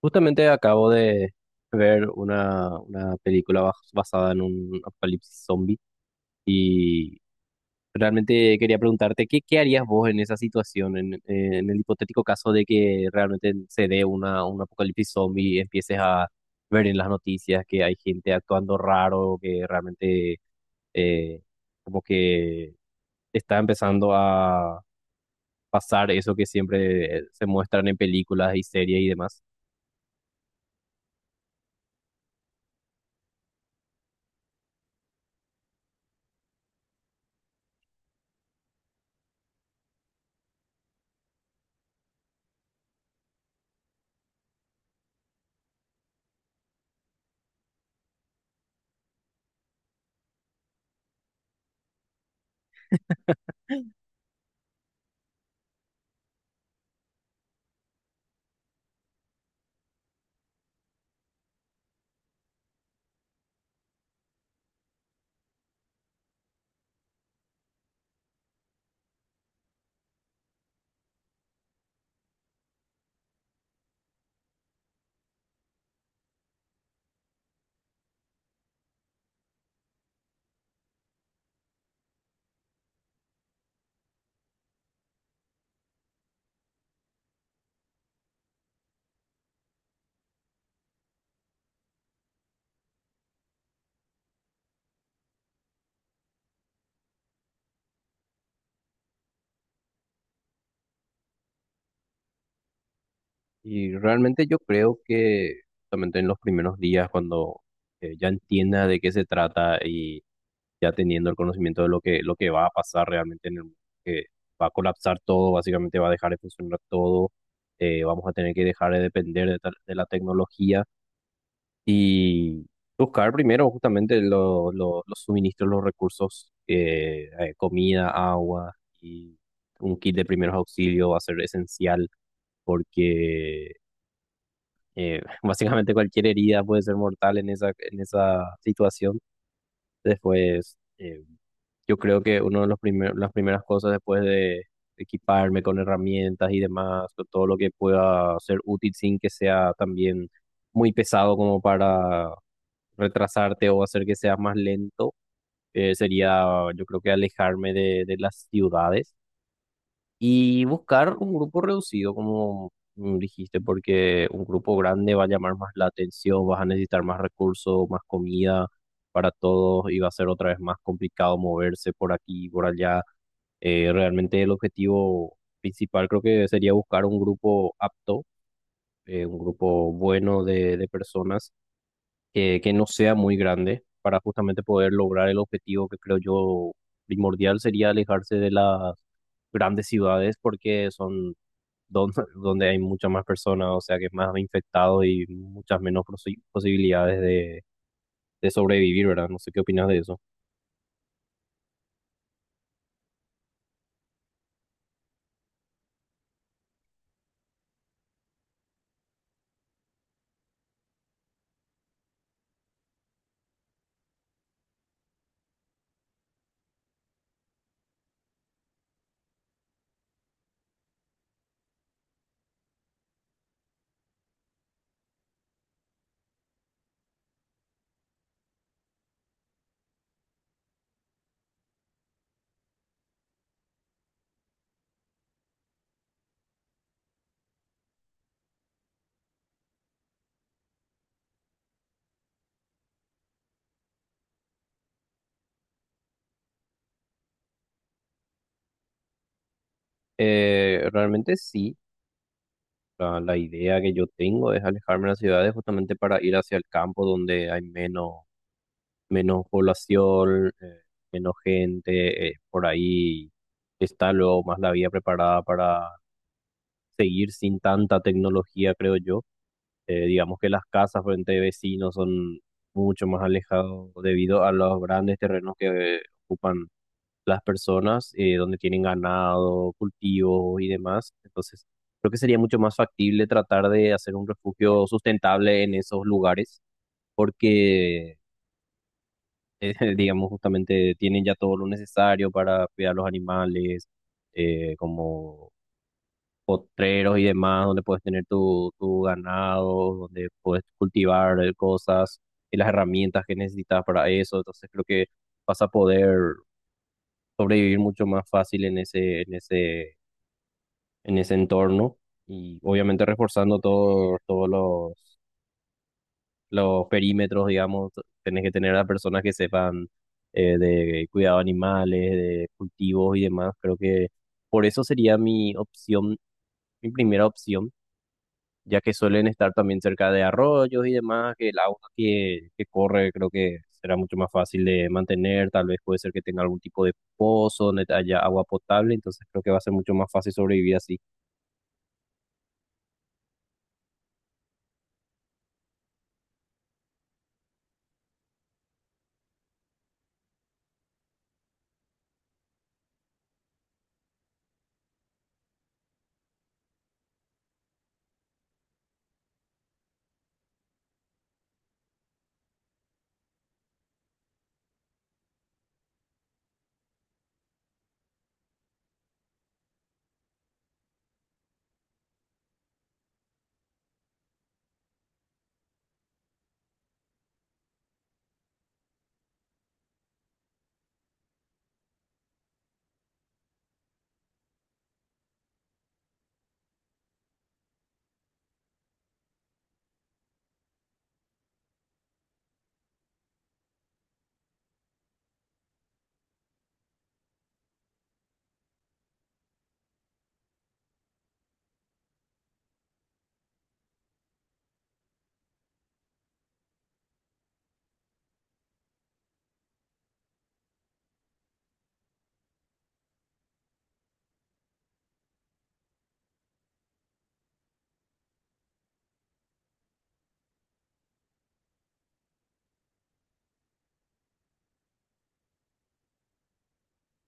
Justamente acabo de ver una película basada en un apocalipsis zombie y realmente quería preguntarte, ¿qué harías vos en esa situación, en el hipotético caso de que realmente se dé un apocalipsis zombie y empieces a ver en las noticias que hay gente actuando raro, que realmente eh, como que está empezando a pasar eso que siempre se muestran en películas y series y demás? Y realmente yo creo que justamente en los primeros días, cuando ya entienda de qué se trata y ya teniendo el conocimiento de lo que va a pasar realmente en el mundo, que va a colapsar todo, básicamente va a dejar de funcionar todo, vamos a tener que dejar de depender de la tecnología y buscar primero justamente los suministros, los recursos, comida, agua y un kit de primeros auxilios va a ser esencial porque básicamente cualquier herida puede ser mortal en en esa situación. Después, yo creo que una de los las primeras cosas después de equiparme con herramientas y demás, con todo lo que pueda ser útil sin que sea también muy pesado como para retrasarte o hacer que seas más lento, sería yo creo que alejarme de las ciudades y buscar un grupo reducido, como dijiste, porque un grupo grande va a llamar más la atención, vas a necesitar más recursos, más comida para todos y va a ser otra vez más complicado moverse por aquí y por allá. Realmente el objetivo principal creo que sería buscar un grupo apto, un grupo bueno de personas que no sea muy grande para justamente poder lograr el objetivo que creo yo primordial sería alejarse de las grandes ciudades porque son donde, hay muchas más personas, o sea que es más infectados y muchas menos posibilidades de sobrevivir, ¿verdad? No sé qué opinas de eso. Realmente sí, la idea que yo tengo es alejarme de las ciudades justamente para ir hacia el campo donde hay menos población, menos gente, por ahí está luego más la vía preparada para seguir sin tanta tecnología, creo yo. Digamos que las casas frente a vecinos son mucho más alejados debido a los grandes terrenos que ocupan las personas, donde tienen ganado, cultivos y demás. Entonces, creo que sería mucho más factible tratar de hacer un refugio sustentable en esos lugares, porque digamos, justamente tienen ya todo lo necesario para cuidar los animales, como potreros y demás, donde puedes tener tu ganado, donde puedes cultivar cosas y las herramientas que necesitas para eso. Entonces creo que vas a poder sobrevivir mucho más fácil en en ese entorno y obviamente reforzando todos los perímetros, digamos, tenés que tener a personas que sepan de cuidado de animales, de cultivos y demás. Creo que por eso sería mi opción, mi primera opción, ya que suelen estar también cerca de arroyos y demás, que el agua que corre creo que será mucho más fácil de mantener, tal vez puede ser que tenga algún tipo de pozo donde haya agua potable, entonces creo que va a ser mucho más fácil sobrevivir así.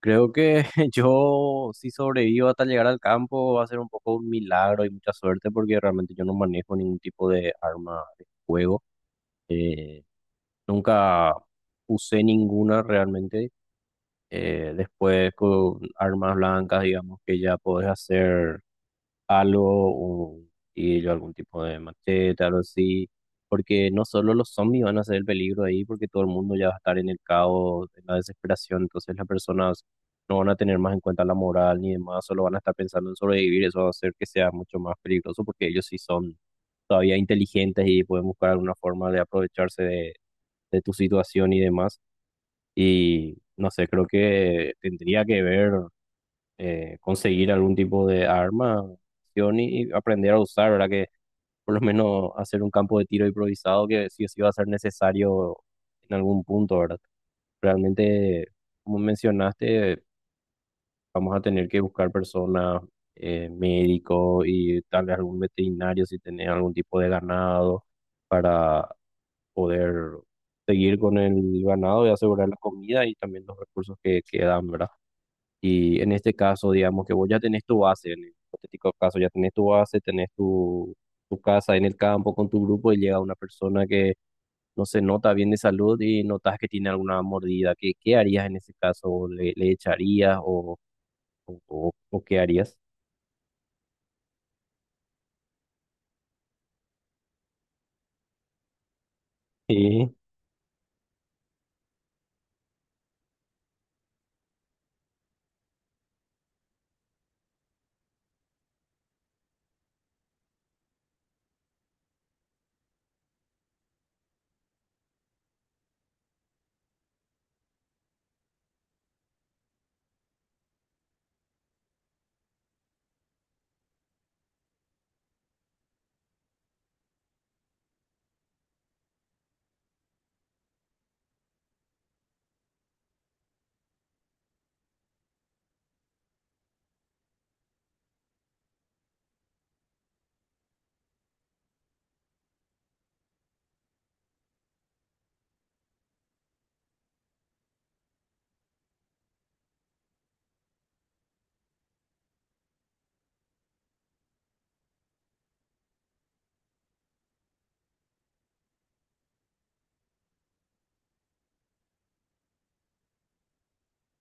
Creo que yo, si sobrevivo hasta llegar al campo, va a ser un poco un milagro y mucha suerte porque realmente yo no manejo ningún tipo de arma de fuego. Eh, Nunca usé ninguna realmente. Después con armas blancas, digamos que ya podés hacer algo, un cuchillo, algún tipo de machete, algo así, porque no solo los zombies van a ser el peligro ahí, porque todo el mundo ya va a estar en el caos, en la desesperación, entonces las personas no van a tener más en cuenta la moral ni demás, solo van a estar pensando en sobrevivir, eso va a hacer que sea mucho más peligroso, porque ellos sí son todavía inteligentes y pueden buscar alguna forma de aprovecharse de tu situación y demás, y no sé, creo que tendría que ver conseguir algún tipo de arma acción y aprender a usar, ¿verdad? Que por lo menos hacer un campo de tiro improvisado que sí o sí va a ser necesario en algún punto, ¿verdad? Realmente, como mencionaste, vamos a tener que buscar personas, médicos y tal vez algún veterinario si tenés algún tipo de ganado para poder seguir con el ganado y asegurar la comida y también los recursos que quedan, ¿verdad? Y en este caso, digamos que vos ya tenés tu base, en el hipotético caso, ya tenés tu base, tenés tu casa en el campo con tu grupo y llega una persona que no se nota bien de salud y notas que tiene alguna mordida. ¿Qué harías en ese caso? ¿O le echarías o qué harías? Sí.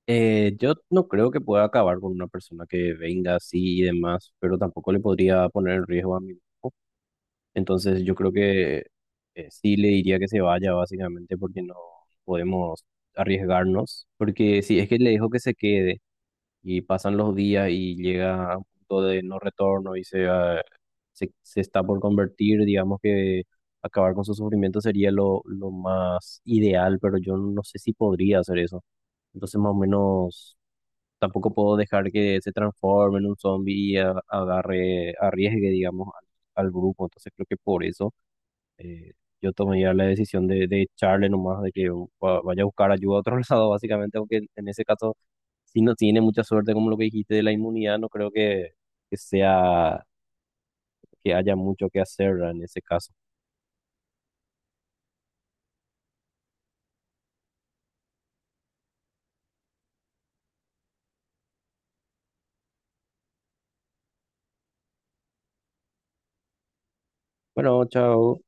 Yo no creo que pueda acabar con una persona que venga así y demás, pero tampoco le podría poner en riesgo a mi grupo. Entonces yo creo que sí le diría que se vaya básicamente porque no podemos arriesgarnos, porque si es que le dejo que se quede y pasan los días y llega a un punto de no retorno y se está por convertir, digamos que acabar con su sufrimiento sería lo más ideal, pero yo no sé si podría hacer eso. Entonces más o menos tampoco puedo dejar que se transforme en un zombie y agarre, arriesgue, digamos, al grupo. Entonces creo que por eso eh, yo tomé ya la decisión de echarle nomás, de que vaya a buscar ayuda a otro lado, básicamente, aunque en ese caso, si no tiene mucha suerte, como lo que dijiste de la inmunidad, no creo que sea, que haya mucho que hacer en ese caso. Bueno, chao.